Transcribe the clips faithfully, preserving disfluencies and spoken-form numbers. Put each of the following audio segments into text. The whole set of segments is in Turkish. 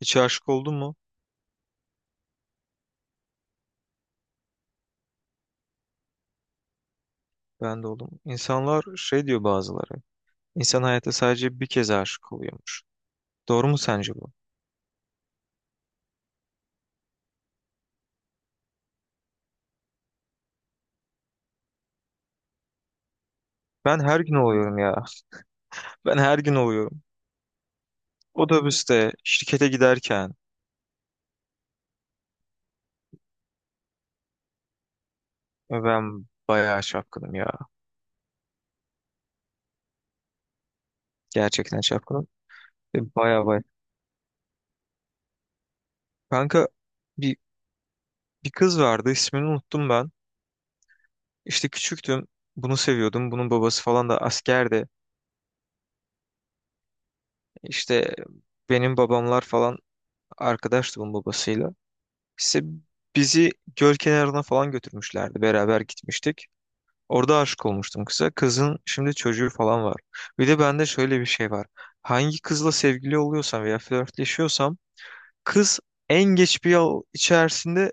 Hiç aşık oldun mu? Ben de oldum. İnsanlar şey diyor bazıları. İnsan hayatta sadece bir kez aşık oluyormuş. Doğru mu sence bu? Ben her gün oluyorum ya. Ben her gün oluyorum. Otobüste, şirkete giderken e, ben bayağı çapkınım ya. Gerçekten çapkınım. Ve bayağı bayağı. Kanka bir, bir kız vardı, ismini unuttum ben. İşte küçüktüm. Bunu seviyordum. Bunun babası falan da askerdi. İşte benim babamlar falan arkadaştı bunun babasıyla. İşte bizi göl kenarına falan götürmüşlerdi. Beraber gitmiştik. Orada aşık olmuştum kıza. Kızın şimdi çocuğu falan var. Bir de bende şöyle bir şey var. Hangi kızla sevgili oluyorsam veya flörtleşiyorsam, kız en geç bir yıl içerisinde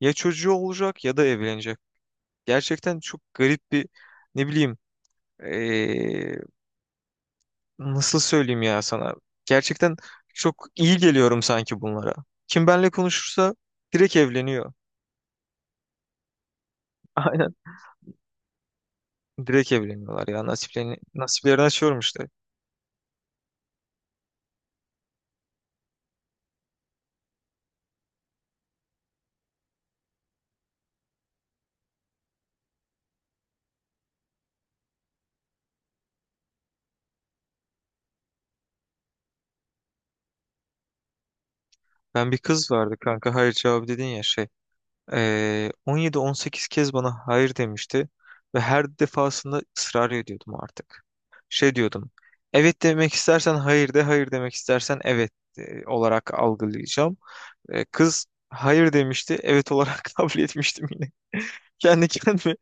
ya çocuğu olacak ya da evlenecek. Gerçekten çok garip bir, ne bileyim, eee, nasıl söyleyeyim ya sana. Gerçekten çok iyi geliyorum sanki bunlara. Kim benle konuşursa direkt evleniyor. Aynen. Direkt evleniyorlar ya. Nasiplerini, nasiplerini açıyorum işte. Ben bir kız vardı kanka, hayır cevabı dedin ya, şey. Ee, on yedi on sekiz kez bana hayır demişti. Ve her defasında ısrar ediyordum artık. Şey diyordum. Evet demek istersen hayır de, hayır demek istersen evet e, olarak algılayacağım. Ee, kız hayır demişti, evet olarak kabul etmiştim yine. Kendi kendime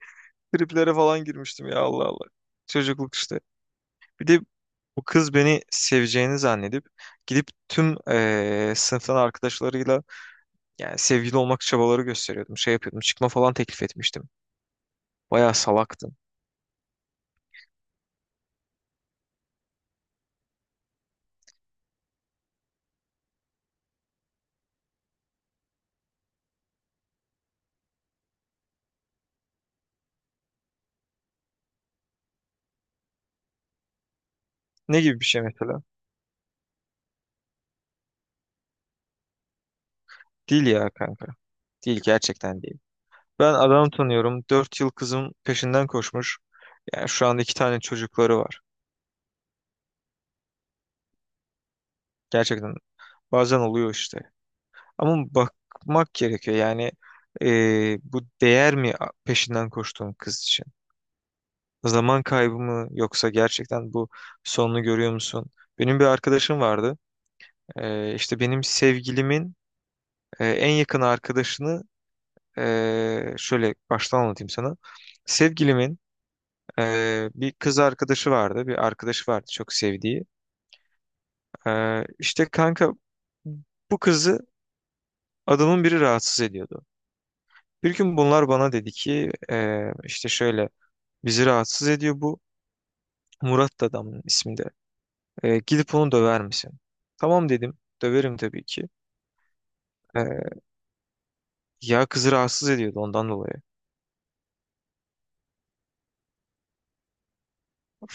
triplere falan girmiştim ya, Allah Allah. Çocukluk işte. Bir de bu kız beni seveceğini zannedip gidip tüm eee sınıftan arkadaşlarıyla, yani sevgili olmak çabaları gösteriyordum. Şey yapıyordum. Çıkma falan teklif etmiştim. Bayağı salaktım. Ne gibi bir şey mesela? Değil ya kanka. Değil, gerçekten değil. Ben adam tanıyorum. Dört yıl kızım peşinden koşmuş. Yani şu anda iki tane çocukları var. Gerçekten bazen oluyor işte. Ama bakmak gerekiyor. Yani eee, bu değer mi peşinden koştuğum kız için? Zaman kaybı mı, yoksa gerçekten bu sonunu görüyor musun? Benim bir arkadaşım vardı. Ee, işte benim sevgilimin e, en yakın arkadaşını, e, şöyle baştan anlatayım sana. Sevgilimin e, bir kız arkadaşı vardı. Bir arkadaşı vardı çok sevdiği. Ee, işte kanka bu kızı adamın biri rahatsız ediyordu. Bir gün bunlar bana dedi ki e, işte şöyle, bizi rahatsız ediyor bu. Murat da adamın isminde. E, gidip onu döver misin? Tamam dedim. Döverim tabii ki. E, ya kızı rahatsız ediyordu, ondan dolayı.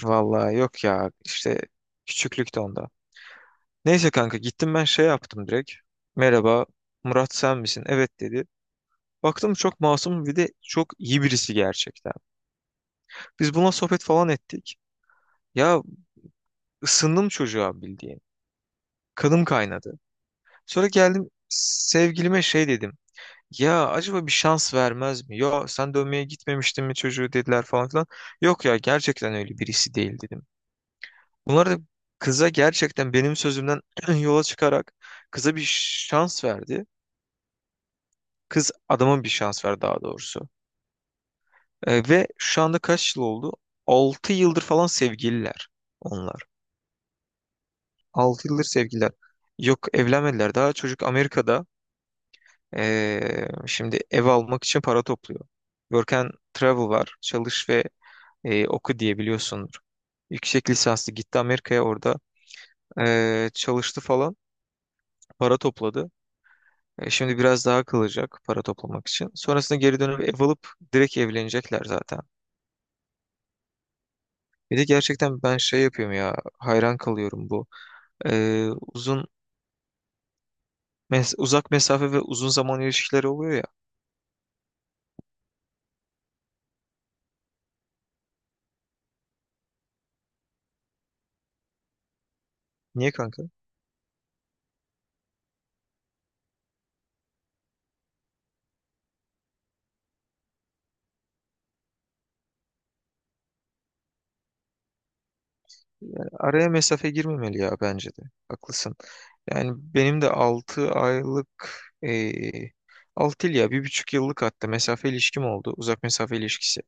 Vallahi yok ya, işte küçüklükte onda. Neyse kanka, gittim ben, şey yaptım direkt. Merhaba Murat, sen misin? Evet dedi. Baktım çok masum, bir de çok iyi birisi gerçekten. Biz bununla sohbet falan ettik. Ya ısındım çocuğa, bildiğin. Kanım kaynadı. Sonra geldim sevgilime şey dedim. Ya acaba bir şans vermez mi? Ya sen dövmeye gitmemiştin mi çocuğu dediler falan filan. Yok ya, gerçekten öyle birisi değil dedim. Bunlar da kıza gerçekten benim sözümden yola çıkarak kıza bir şans verdi. Kız adama bir şans verdi daha doğrusu. E, ve şu anda kaç yıl oldu? Altı yıldır falan sevgililer onlar. Altı yıldır sevgililer. Yok, evlenmediler. Daha çocuk Amerika'da e, şimdi ev almak için para topluyor. Work and Travel var. Çalış ve e, oku diye biliyorsundur. Yüksek lisanslı gitti Amerika'ya, orada e, çalıştı falan, para topladı. E, şimdi biraz daha kalacak para toplamak için. Sonrasında geri dönüp ev alıp direkt evlenecekler zaten. Bir de gerçekten ben şey yapıyorum ya, hayran kalıyorum bu. E, uzun, mes- uzak mesafe ve uzun zaman ilişkileri oluyor ya. Niye kanka? Araya mesafe girmemeli ya, bence de. Haklısın. Yani benim de altı aylık, eee altı yıl ya bir buçuk yıllık hatta mesafe ilişkim oldu. Uzak mesafe ilişkisi.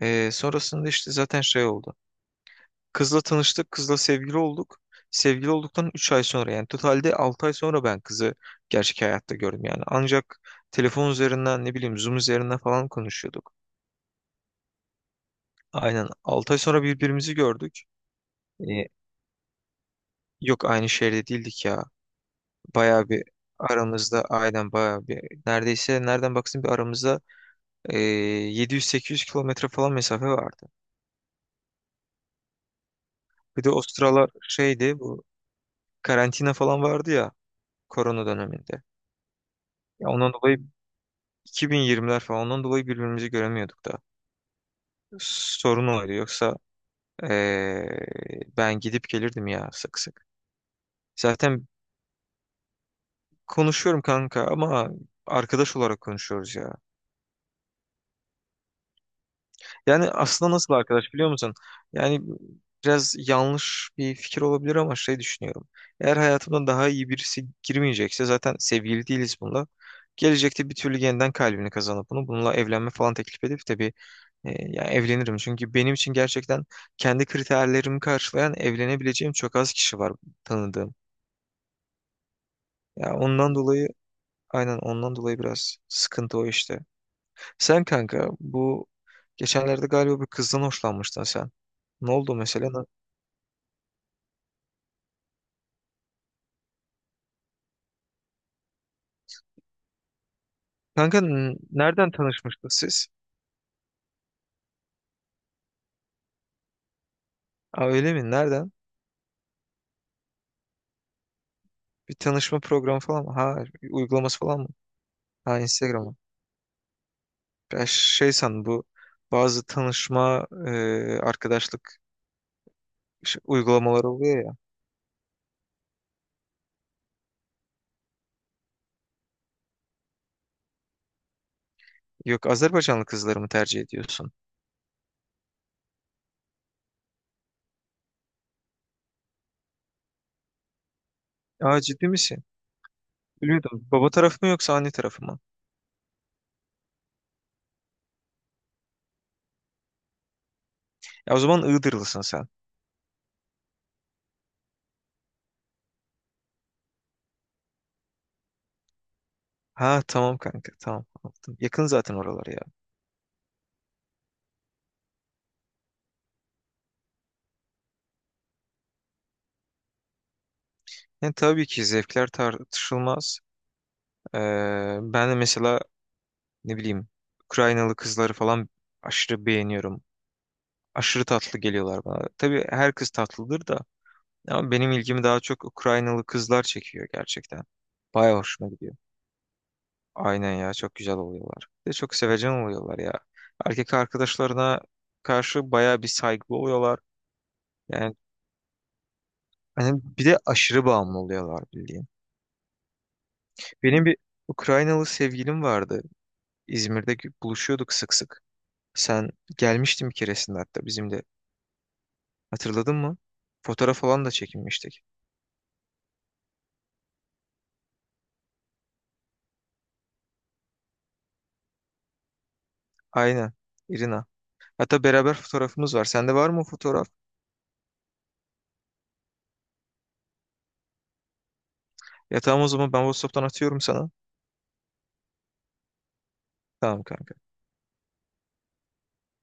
Eee, sonrasında işte zaten şey oldu. Kızla tanıştık. Kızla sevgili olduk. Sevgili olduktan üç ay sonra, yani totalde altı ay sonra ben kızı gerçek hayatta gördüm yani. Ancak telefon üzerinden, ne bileyim, Zoom üzerinden falan konuşuyorduk. Aynen, altı ay sonra birbirimizi gördük. Eee, yok aynı şehirde değildik ya. Bayağı bir aramızda, aynen bayağı bir, neredeyse nereden baksın bir aramızda Ee, yedi yüz sekiz yüz kilometre falan mesafe vardı. Bir de o sıralar şeydi, bu karantina falan vardı ya, korona döneminde. Ya ondan dolayı, iki bin yirmiler falan, ondan dolayı birbirimizi göremiyorduk da. Sorun oydu, yoksa ee, ben gidip gelirdim ya sık sık. Zaten konuşuyorum kanka, ama arkadaş olarak konuşuyoruz ya. Yani aslında nasıl arkadaş, biliyor musun? Yani biraz yanlış bir fikir olabilir ama şey düşünüyorum. Eğer hayatımda daha iyi birisi girmeyecekse, zaten sevgili değiliz bununla. Gelecekte bir türlü yeniden kalbini kazanıp bunu, bununla evlenme falan teklif edip, tabii e, yani evlenirim. Çünkü benim için gerçekten kendi kriterlerimi karşılayan evlenebileceğim çok az kişi var tanıdığım. Ya ondan dolayı, aynen ondan dolayı biraz sıkıntı o işte. Sen kanka, bu geçenlerde galiba bir kızdan hoşlanmıştın sen. Ne oldu mesela? Ne- Kanka n- nereden tanışmıştınız siz? Aa, öyle mi? Nereden? Bir tanışma programı falan mı? Ha, bir uygulaması falan mı? Ha, Instagram'a. Ben şey sandım, bu bazı tanışma e, arkadaşlık ş- uygulamaları oluyor ya. Yok, Azerbaycanlı kızları mı tercih ediyorsun? Aa, ciddi misin? Bilmiyordum. Baba tarafı mı yoksa anne tarafı mı? Ya o zaman Iğdırlısın sen. Ha tamam kanka, tamam. Anladım. Yakın zaten oralar ya. Yani tabii ki zevkler tartışılmaz. Ee, ben de mesela, ne bileyim, Ukraynalı kızları falan aşırı beğeniyorum. Aşırı tatlı geliyorlar bana. Tabii her kız tatlıdır da, ama benim ilgimi daha çok Ukraynalı kızlar çekiyor gerçekten. Bayağı hoşuma gidiyor. Aynen ya, çok güzel oluyorlar. Bir de çok sevecen oluyorlar ya. Erkek arkadaşlarına karşı bayağı bir saygılı oluyorlar. Yani hani bir de aşırı bağımlı oluyorlar, bildiğin. Benim bir Ukraynalı sevgilim vardı. İzmir'de gü- buluşuyorduk sık sık. Sen gelmiştin bir keresinde hatta bizim de. Hatırladın mı? Fotoğraf falan da çekinmiştik. Aynen. İrina. Hatta beraber fotoğrafımız var. Sende var mı o fotoğraf? Ya tamam, o zaman ben WhatsApp'tan atıyorum sana. Tamam kanka.